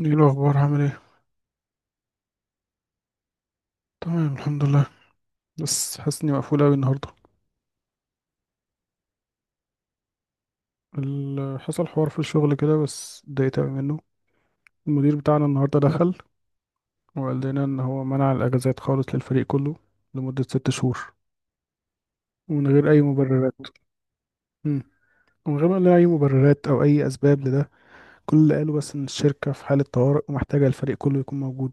ايه الاخبار؟ عامل ايه؟ تمام الحمد لله. بس حاسس اني مقفول اوي النهارده. حصل حوار في الشغل كده بس اتضايقت اوي منه. المدير بتاعنا النهارده دخل وقال لنا ان هو منع الاجازات خالص للفريق كله لمده 6 شهور، ومن غير اي مبررات. مم. ومن غير ما يقول لنا اي مبررات او اي اسباب لده. كل اللي قاله بس ان الشركه في حاله طوارئ ومحتاجه الفريق كله يكون موجود.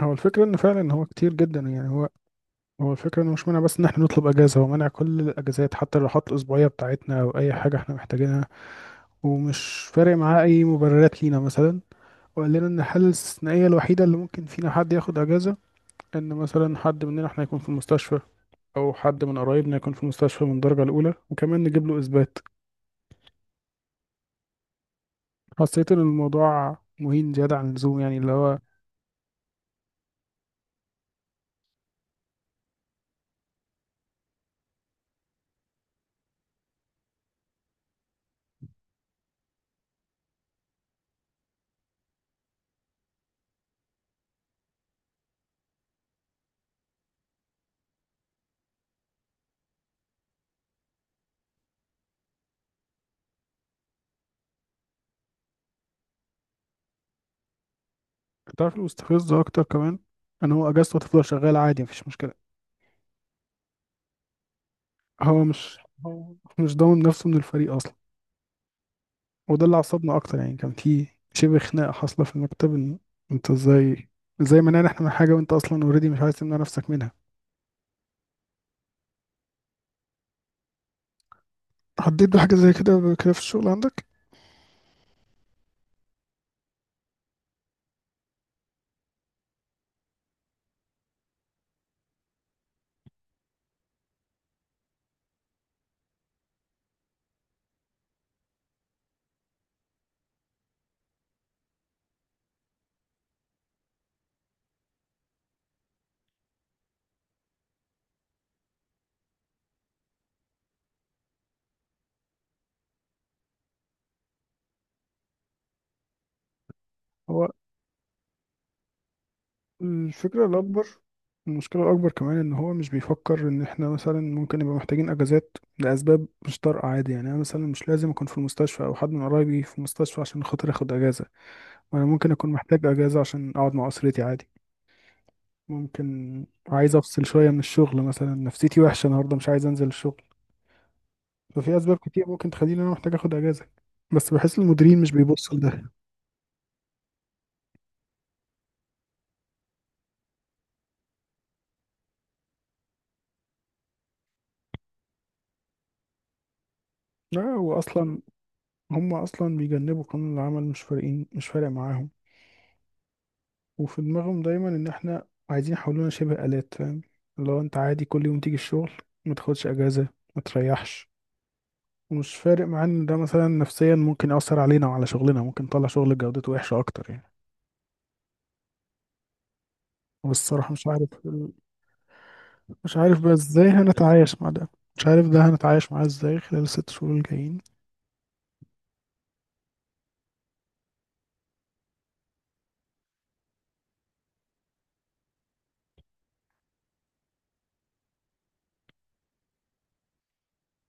هو الفكره ان فعلا هو كتير جدا، يعني هو. هو الفكرة انه مش مانع بس ان احنا نطلب اجازة، هو مانع كل الاجازات حتى الراحات الاسبوعية بتاعتنا او اي حاجة احنا محتاجينها، ومش فارق معاه اي مبررات لينا مثلا. وقال لنا ان الحالة الاستثنائية الوحيدة اللي ممكن فينا حد ياخد اجازة ان مثلا حد مننا احنا يكون في المستشفى، او حد من قرايبنا يكون في المستشفى من الدرجة الاولى، وكمان نجيب له اثبات. حسيت ان الموضوع مهين زيادة عن اللزوم، يعني اللي هو. تعرف المستفز اكتر كمان ان هو اجازته هتفضل شغالة عادي، مفيش مشكلة. هو مش هو مش ضامن نفسه من الفريق اصلا، وده اللي عصبنا اكتر. يعني كان في شبه خناقه حاصله في المكتب ان: انت ازاي، ازاي منعنا احنا من حاجه وانت اصلا اوريدي مش عايز تمنع نفسك منها؟ حددت بحاجه زي كده قبل كده في الشغل عندك؟ هو الفكره الاكبر، المشكله الاكبر كمان ان هو مش بيفكر ان احنا مثلا ممكن نبقى محتاجين اجازات لاسباب مش طارئه عادي، يعني انا مثلا مش لازم اكون في المستشفى او حد من قرايبي في المستشفى عشان خاطر اخد اجازه. وانا ممكن اكون محتاج اجازه عشان اقعد مع اسرتي عادي، ممكن عايز افصل شويه من الشغل، مثلا نفسيتي وحشه النهارده مش عايز انزل الشغل. ففي اسباب كتير ممكن تخليني انا محتاج اخد اجازه، بس بحس المديرين مش بيبصوا لده. لا، هو اصلا هم اصلا بيجنبوا قانون العمل، مش فارقين، مش فارق معاهم. وفي دماغهم دايما ان احنا عايزين يحولونا شبه آلات، فاهم؟ لو انت عادي كل يوم تيجي الشغل ما تاخدش اجازه ما تريحش. ومش فارق معانا ان ده مثلا نفسيا ممكن يأثر علينا وعلى شغلنا، ممكن نطلع شغل جودته وحشه اكتر يعني. والصراحه مش عارف، بقى ازاي هنتعايش مع ده، مش عارف ده هنتعايش معاه ازاي خلال الست شهور الجايين.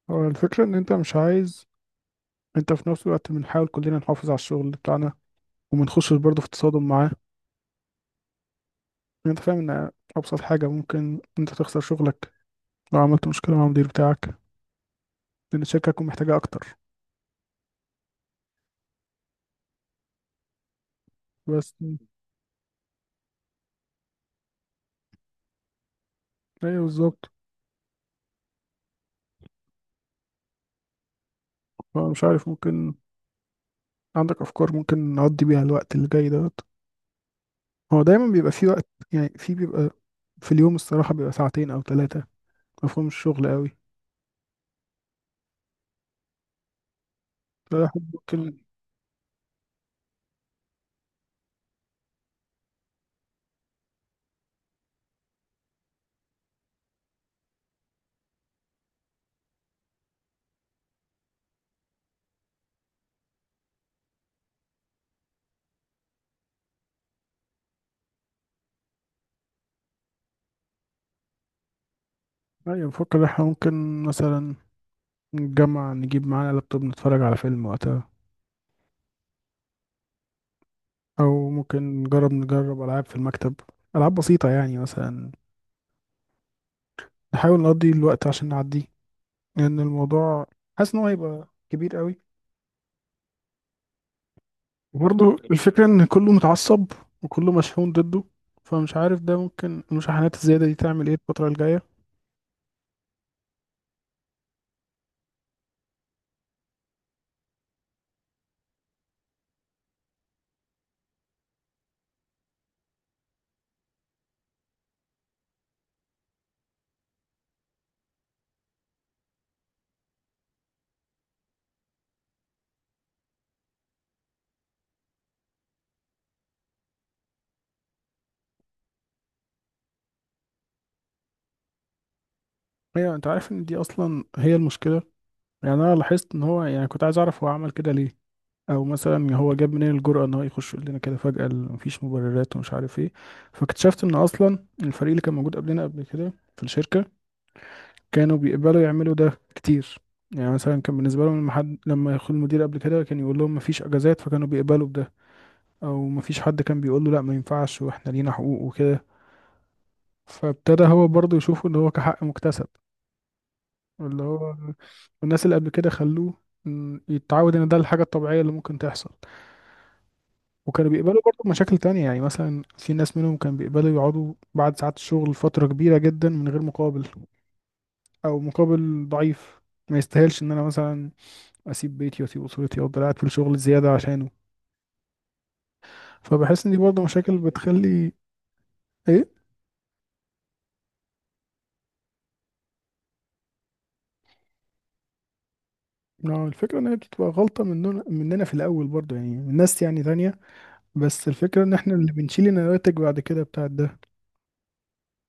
هو الفكرة ان انت مش عايز. انت في نفس الوقت بنحاول كلنا نحافظ على الشغل بتاعنا ومنخشش برضه في تصادم معاه، لأن انت فاهم ان ابسط حاجة ممكن انت تخسر شغلك لو عملت مشكلة مع المدير بتاعك، لان الشركة هتكون محتاجة اكتر. بس ايوه بالظبط. هو مش عارف، ممكن عندك افكار ممكن نقضي بيها الوقت اللي جاي دوت. هو دايما بيبقى في وقت، يعني في بيبقى في اليوم الصراحة بيبقى ساعتين او 3، مفهوم الشغل قوي، فاحنا ممكن. أيوة بفكر احنا ممكن مثلا نتجمع نجيب معانا لابتوب نتفرج على فيلم وقتها، أو ممكن نجرب ألعاب في المكتب، ألعاب بسيطة يعني مثلا. نحاول نقضي الوقت عشان نعديه، لأن الموضوع حاسس إن هو هيبقى كبير قوي. وبرضه الفكرة إن كله متعصب وكله مشحون ضده، فمش عارف ده ممكن المشاحنات الزيادة دي تعمل إيه الفترة الجاية. هي أنت عارف إن دي أصلا هي المشكلة. يعني أنا لاحظت إن هو يعني كنت عايز أعرف هو عمل كده ليه، او مثلا هو جاب منين الجرأة ان هو يخش يقول لنا كده فجأة مفيش مبررات ومش عارف ايه. فاكتشفت ان اصلا الفريق اللي كان موجود قبلنا قبل كده في الشركة كانوا بيقبلوا يعملوا ده كتير. يعني مثلا كان بالنسبة لهم لما حد لما يدخل المدير قبل كده كان يقول لهم مفيش اجازات فكانوا بيقبلوا بده، او مفيش حد كان بيقول له لا ما ينفعش واحنا لينا حقوق وكده. فابتدى هو برضه يشوفه ان هو كحق مكتسب، اللي هو الناس اللي قبل كده خلوه يتعود ان ده الحاجة الطبيعية اللي ممكن تحصل. وكانوا بيقبلوا برضه مشاكل تانية، يعني مثلا في ناس منهم كانوا بيقبلوا يقعدوا بعد ساعات الشغل فترة كبيرة جدا من غير مقابل أو مقابل ضعيف، ما يستاهلش إن أنا مثلا أسيب بيتي وأسيب أسرتي وأفضل قاعد في الشغل زيادة عشانه. فبحس إن دي برضه مشاكل بتخلي. إيه؟ نعم. الفكرة إن هي بتبقى غلطة مننا في الأول برضه، يعني من ناس يعني تانية. بس الفكرة إن إحنا اللي بنشيل النواتج بعد كده بتاعت ده.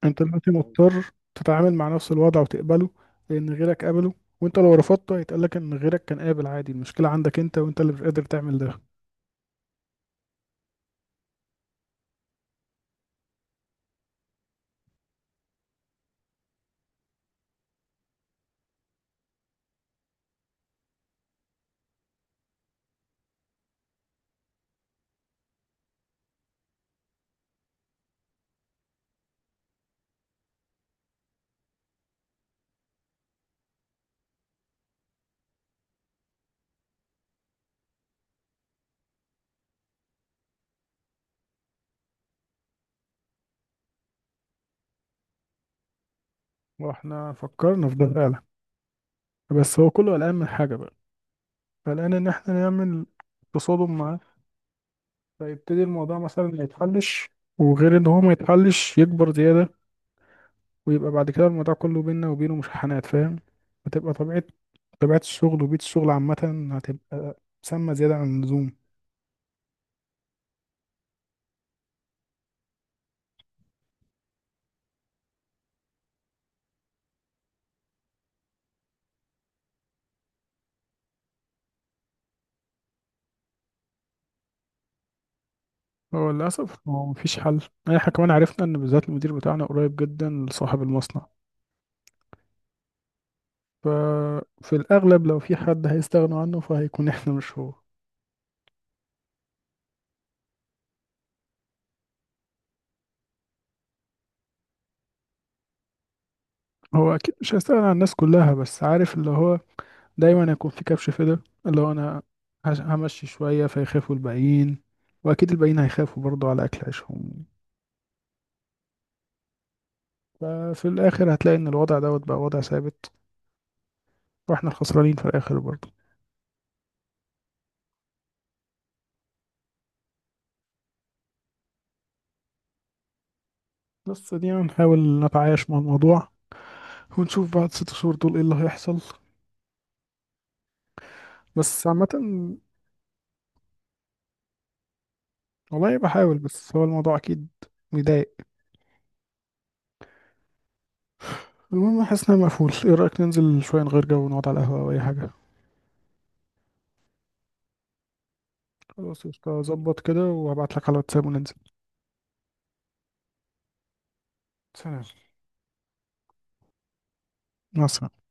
انت دلوقتي مضطر تتعامل مع نفس الوضع وتقبله لان غيرك قبله، وانت لو رفضته هيتقالك ان غيرك كان قابل عادي، المشكلة عندك انت وانت اللي مش قادر تعمل ده. واحنا فكرنا في ده فعلا، بس هو كله قلقان من حاجة بقى. قلقان ان احنا نعمل تصادم معاه فيبتدي الموضوع مثلا ما يتحلش، وغير ان هو ما يتحلش يكبر زيادة، ويبقى بعد كده الموضوع كله بينا وبينه مشاحنات، فاهم؟ هتبقى طبيعة الشغل وبيئة الشغل عامة هتبقى سامة زيادة عن اللزوم. هو للأسف هو مفيش حل. احنا كمان عرفنا ان بالذات المدير بتاعنا قريب جدا لصاحب المصنع، ففي الأغلب لو في حد هيستغنوا عنه فهيكون احنا مش هو. هو أكيد مش هيستغنى عن الناس كلها، بس عارف اللي هو دايما هيكون في كبش فدا، اللي هو أنا. همشي شوية فيخافوا الباقيين، وأكيد الباقيين هيخافوا برضو على أكل عيشهم. ففي الآخر هتلاقي إن الوضع دوت بقى وضع ثابت، وإحنا الخسرانين في الآخر برضو. بس دي هنحاول نتعايش مع الموضوع، ونشوف بعد 6 شهور دول ايه اللي هيحصل. بس عامة. والله بحاول، بس هو الموضوع أكيد مضايق. المهم حاسس إن أنا مقفول. إيه رأيك ننزل شوية نغير جو ونقعد على القهوة أو أي حاجة؟ خلاص قشطة، أظبط كده وهبعتلك على الواتساب وننزل. سلام. مع السلامة.